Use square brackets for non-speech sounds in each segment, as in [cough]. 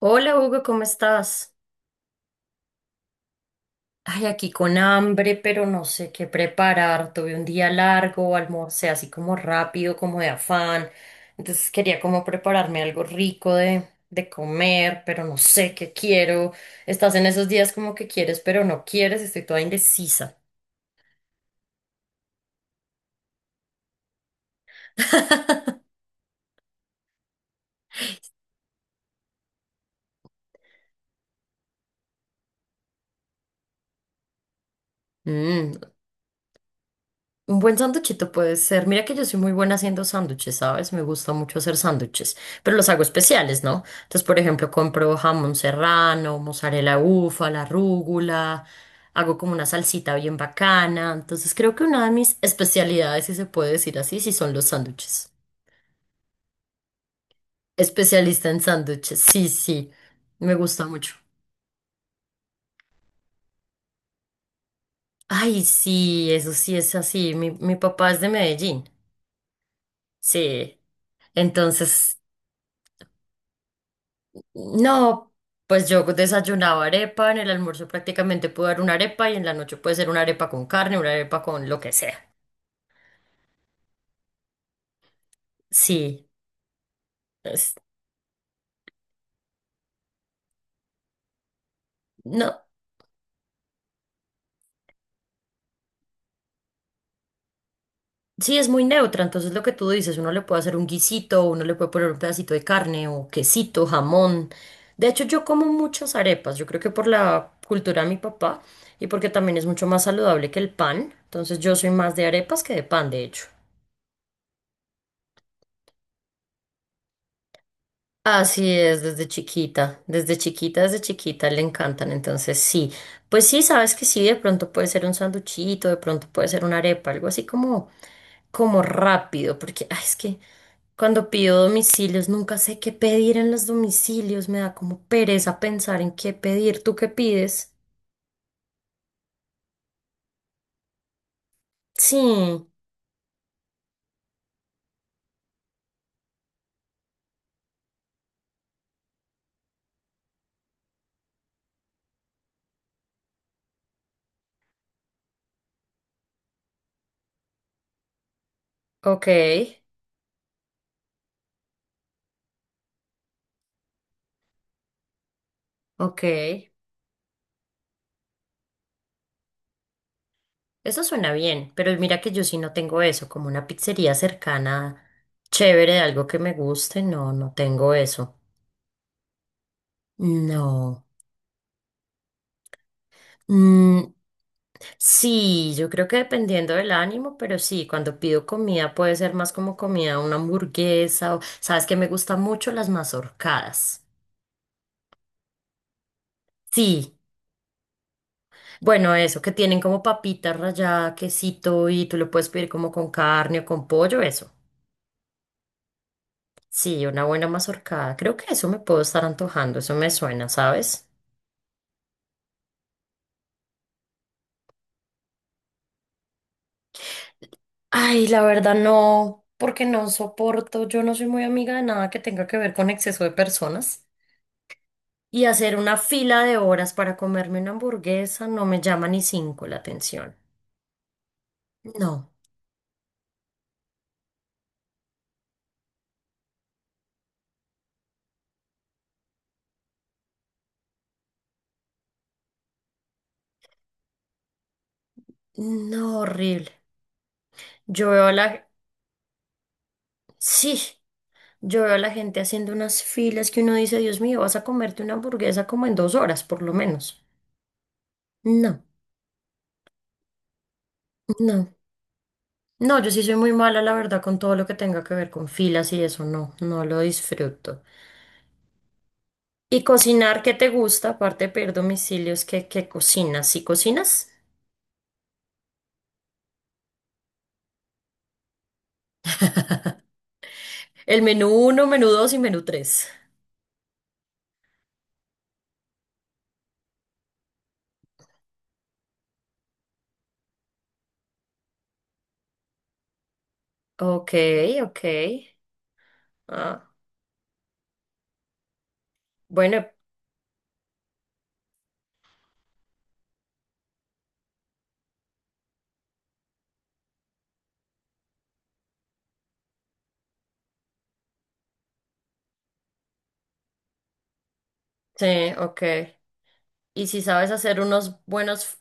Hola Hugo, ¿cómo estás? Ay, aquí con hambre, pero no sé qué preparar. Tuve un día largo, almorcé así como rápido, como de afán. Entonces quería como prepararme algo rico de comer, pero no sé qué quiero. Estás en esos días como que quieres, pero no quieres. Estoy toda indecisa. [laughs] Mm. Un buen sándwichito puede ser. Mira que yo soy muy buena haciendo sándwiches, ¿sabes? Me gusta mucho hacer sándwiches, pero los hago especiales, ¿no? Entonces, por ejemplo, compro jamón serrano, mozzarella, la rúgula, hago como una salsita bien bacana. Entonces, creo que una de mis especialidades, si se puede decir así, sí son los sándwiches. Especialista en sándwiches, sí, sí, me gusta mucho. Ay, sí, eso sí es así. Mi papá es de Medellín. Sí. Entonces, no, pues yo desayunaba arepa, en el almuerzo prácticamente puedo dar una arepa y en la noche puede ser una arepa con carne, una arepa con lo que sea. Sí, es- no, sí es muy neutra, entonces lo que tú dices, uno le puede hacer un guisito, uno le puede poner un pedacito de carne o quesito, jamón. De hecho, yo como muchas arepas, yo creo que por la cultura de mi papá y porque también es mucho más saludable que el pan, entonces yo soy más de arepas que de pan, de hecho. Así es, desde chiquita, desde chiquita, desde chiquita le encantan, entonces sí, pues sí, sabes que sí, de pronto puede ser un sanduchito, de pronto puede ser una arepa, algo así como, como rápido, porque ay, es que cuando pido domicilios nunca sé qué pedir en los domicilios, me da como pereza pensar en qué pedir, ¿tú qué pides? Sí, ok, ok. Eso suena bien, pero mira que yo sí no tengo eso, como una pizzería cercana, chévere, de algo que me guste, no, no tengo eso. No. Mm, sí, yo creo que dependiendo del ánimo, pero sí, cuando pido comida puede ser más como comida, una hamburguesa o, sabes que me gustan mucho las mazorcadas. Sí, bueno, eso, que tienen como papita rallada, quesito y tú lo puedes pedir como con carne o con pollo, eso. Sí, una buena mazorcada. Creo que eso me puedo estar antojando, eso me suena, ¿sabes? Ay, la verdad no, porque no soporto, yo no soy muy amiga de nada que tenga que ver con exceso de personas. Y hacer una fila de horas para comerme una hamburguesa no me llama ni cinco la atención. No, no, horrible. Yo veo a la... Sí, yo veo a la gente haciendo unas filas que uno dice, Dios mío, vas a comerte una hamburguesa como en 2 horas, por lo menos. No, no. No, yo sí soy muy mala, la verdad, con todo lo que tenga que ver con filas y eso, no, no lo disfruto. ¿Y cocinar qué te gusta? Aparte de pedir domicilios, ¿qué cocinas? ¿Sí cocinas? El menú uno, menú dos y menú tres. Ok, ok. Ah, bueno, sí, ok. ¿Y si sabes hacer unos buenos?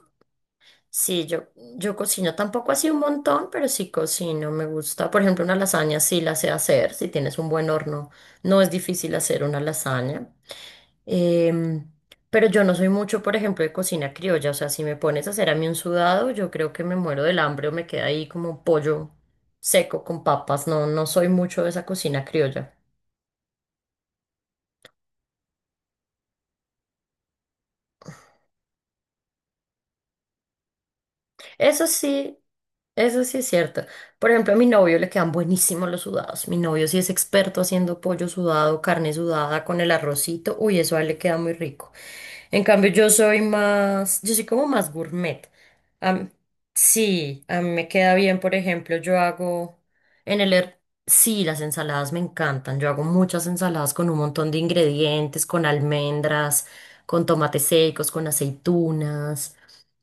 Sí, yo cocino tampoco así un montón, pero sí cocino, me gusta. Por ejemplo, una lasaña sí la sé hacer, si tienes un buen horno, no es difícil hacer una lasaña. Em, pero yo no soy mucho, por ejemplo, de cocina criolla, o sea, si me pones a hacer a mí un sudado, yo creo que me muero del hambre o me queda ahí como pollo seco con papas, no, no soy mucho de esa cocina criolla. Eso sí, eso sí es cierto. Por ejemplo, a mi novio le quedan buenísimos los sudados. Mi novio sí es experto haciendo pollo sudado, carne sudada con el arrocito. Uy, eso a él le queda muy rico. En cambio, yo soy más, yo soy como más gourmet. Am- sí, a mí me queda bien, por ejemplo, yo hago en sí, las ensaladas me encantan. Yo hago muchas ensaladas con un montón de ingredientes, con almendras, con tomates secos, con aceitunas.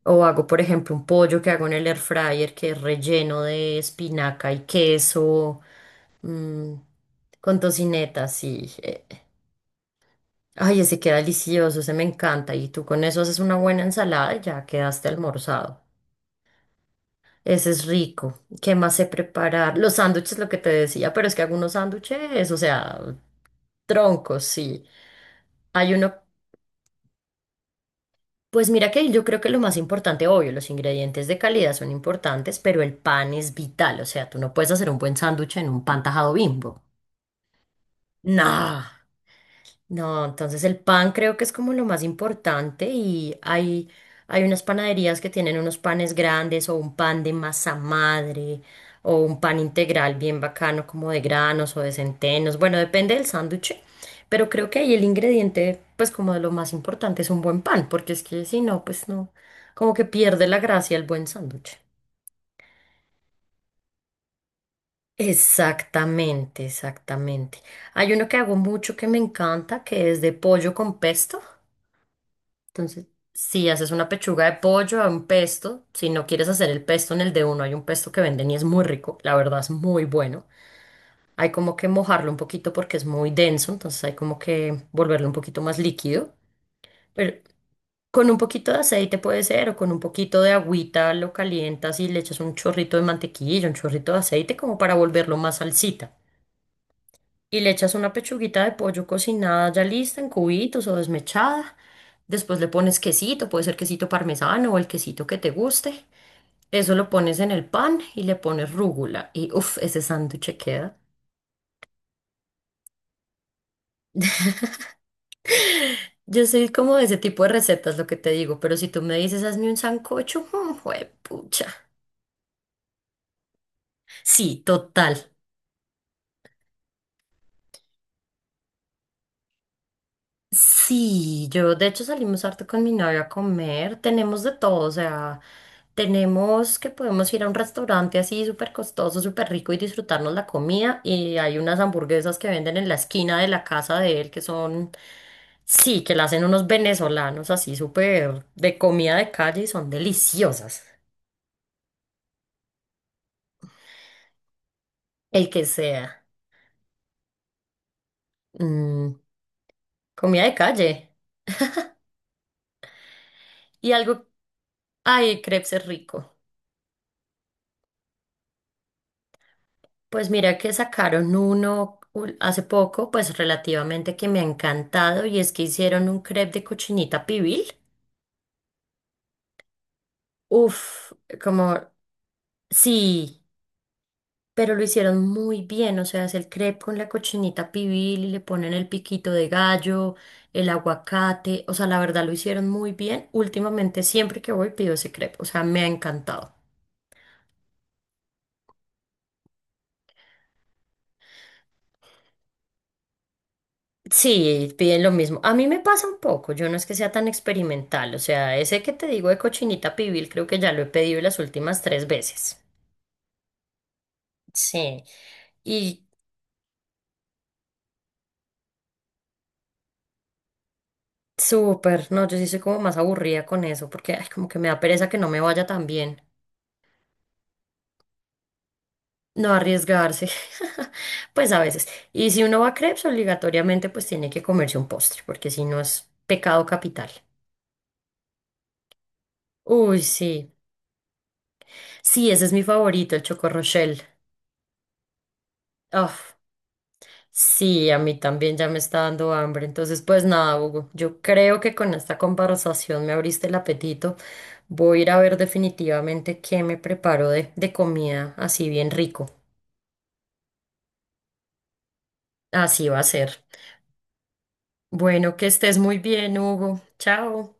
O hago, por ejemplo, un pollo que hago en el air fryer que es relleno de espinaca y queso, mm, con tocineta, sí. Ay, ese queda delicioso, ese me encanta. Y tú con eso haces una buena ensalada y ya quedaste almorzado. Ese es rico. ¿Qué más sé preparar? Los sándwiches, lo que te decía, pero es que hago unos sándwiches, o sea, troncos, sí. Hay uno. Pues mira que yo creo que lo más importante, obvio, los ingredientes de calidad son importantes, pero el pan es vital. O sea, tú no puedes hacer un buen sándwich en un pan tajado Bimbo. No. No, entonces el pan creo que es como lo más importante y hay unas panaderías que tienen unos panes grandes o un pan de masa madre o un pan integral bien bacano como de granos o de centenos. Bueno, depende del sándwich, pero creo que ahí el ingrediente pues como de lo más importante es un buen pan, porque es que si no, pues no, como que pierde la gracia el buen sándwich. Exactamente, exactamente. Hay uno que hago mucho que me encanta, que es de pollo con pesto. Entonces, si haces una pechuga de pollo a un pesto, si no quieres hacer el pesto en el de uno, hay un pesto que venden y es muy rico, la verdad es muy bueno. Hay como que mojarlo un poquito porque es muy denso, entonces hay como que volverlo un poquito más líquido. Pero con un poquito de aceite puede ser, o con un poquito de agüita lo calientas y le echas un chorrito de mantequilla, un chorrito de aceite como para volverlo más salsita y le echas una pechuguita de pollo cocinada ya lista en cubitos o desmechada. Después le pones quesito, puede ser quesito parmesano o el quesito que te guste. Eso lo pones en el pan y le pones rúgula y uff, ese sándwich queda. Yo soy como de ese tipo de recetas, lo que te digo, pero si tú me dices, hazme un sancocho, [laughs] mm, juepucha. Sí, total. Sí, yo de hecho salimos harto con mi novia a comer, tenemos de todo, o sea, tenemos que podemos ir a un restaurante así súper costoso, súper rico y disfrutarnos la comida y hay unas hamburguesas que venden en la esquina de la casa de él que son, sí, que la hacen unos venezolanos así súper de comida de calle y son deliciosas, el que sea. Mm, comida de calle y algo, ay, crepes es rico. Pues mira que sacaron hace poco, pues relativamente, que me ha encantado, y es que hicieron un crepe de cochinita pibil. Uf, como sí, pero lo hicieron muy bien, o sea, es el crepe con la cochinita pibil y le ponen el piquito de gallo, el aguacate, o sea, la verdad lo hicieron muy bien. Últimamente siempre que voy pido ese crepe, o sea, me ha encantado. Sí, piden lo mismo. A mí me pasa un poco, yo no es que sea tan experimental, o sea, ese que te digo de cochinita pibil creo que ya lo he pedido las últimas 3 veces. Sí, y súper, no, yo sí soy como más aburrida con eso, porque ay, como que me da pereza que no me vaya tan bien, no arriesgarse, [laughs] pues a veces. Y si uno va a crepes, obligatoriamente pues tiene que comerse un postre, porque si no es pecado capital. Uy, sí, sí, ese es mi favorito, el Choco Rochelle. Uf. Sí, a mí también ya me está dando hambre. Entonces, pues nada, Hugo, yo creo que con esta conversación me abriste el apetito. Voy a ir a ver definitivamente qué me preparo de comida así bien rico. Así va a ser. Bueno, que estés muy bien, Hugo. Chao.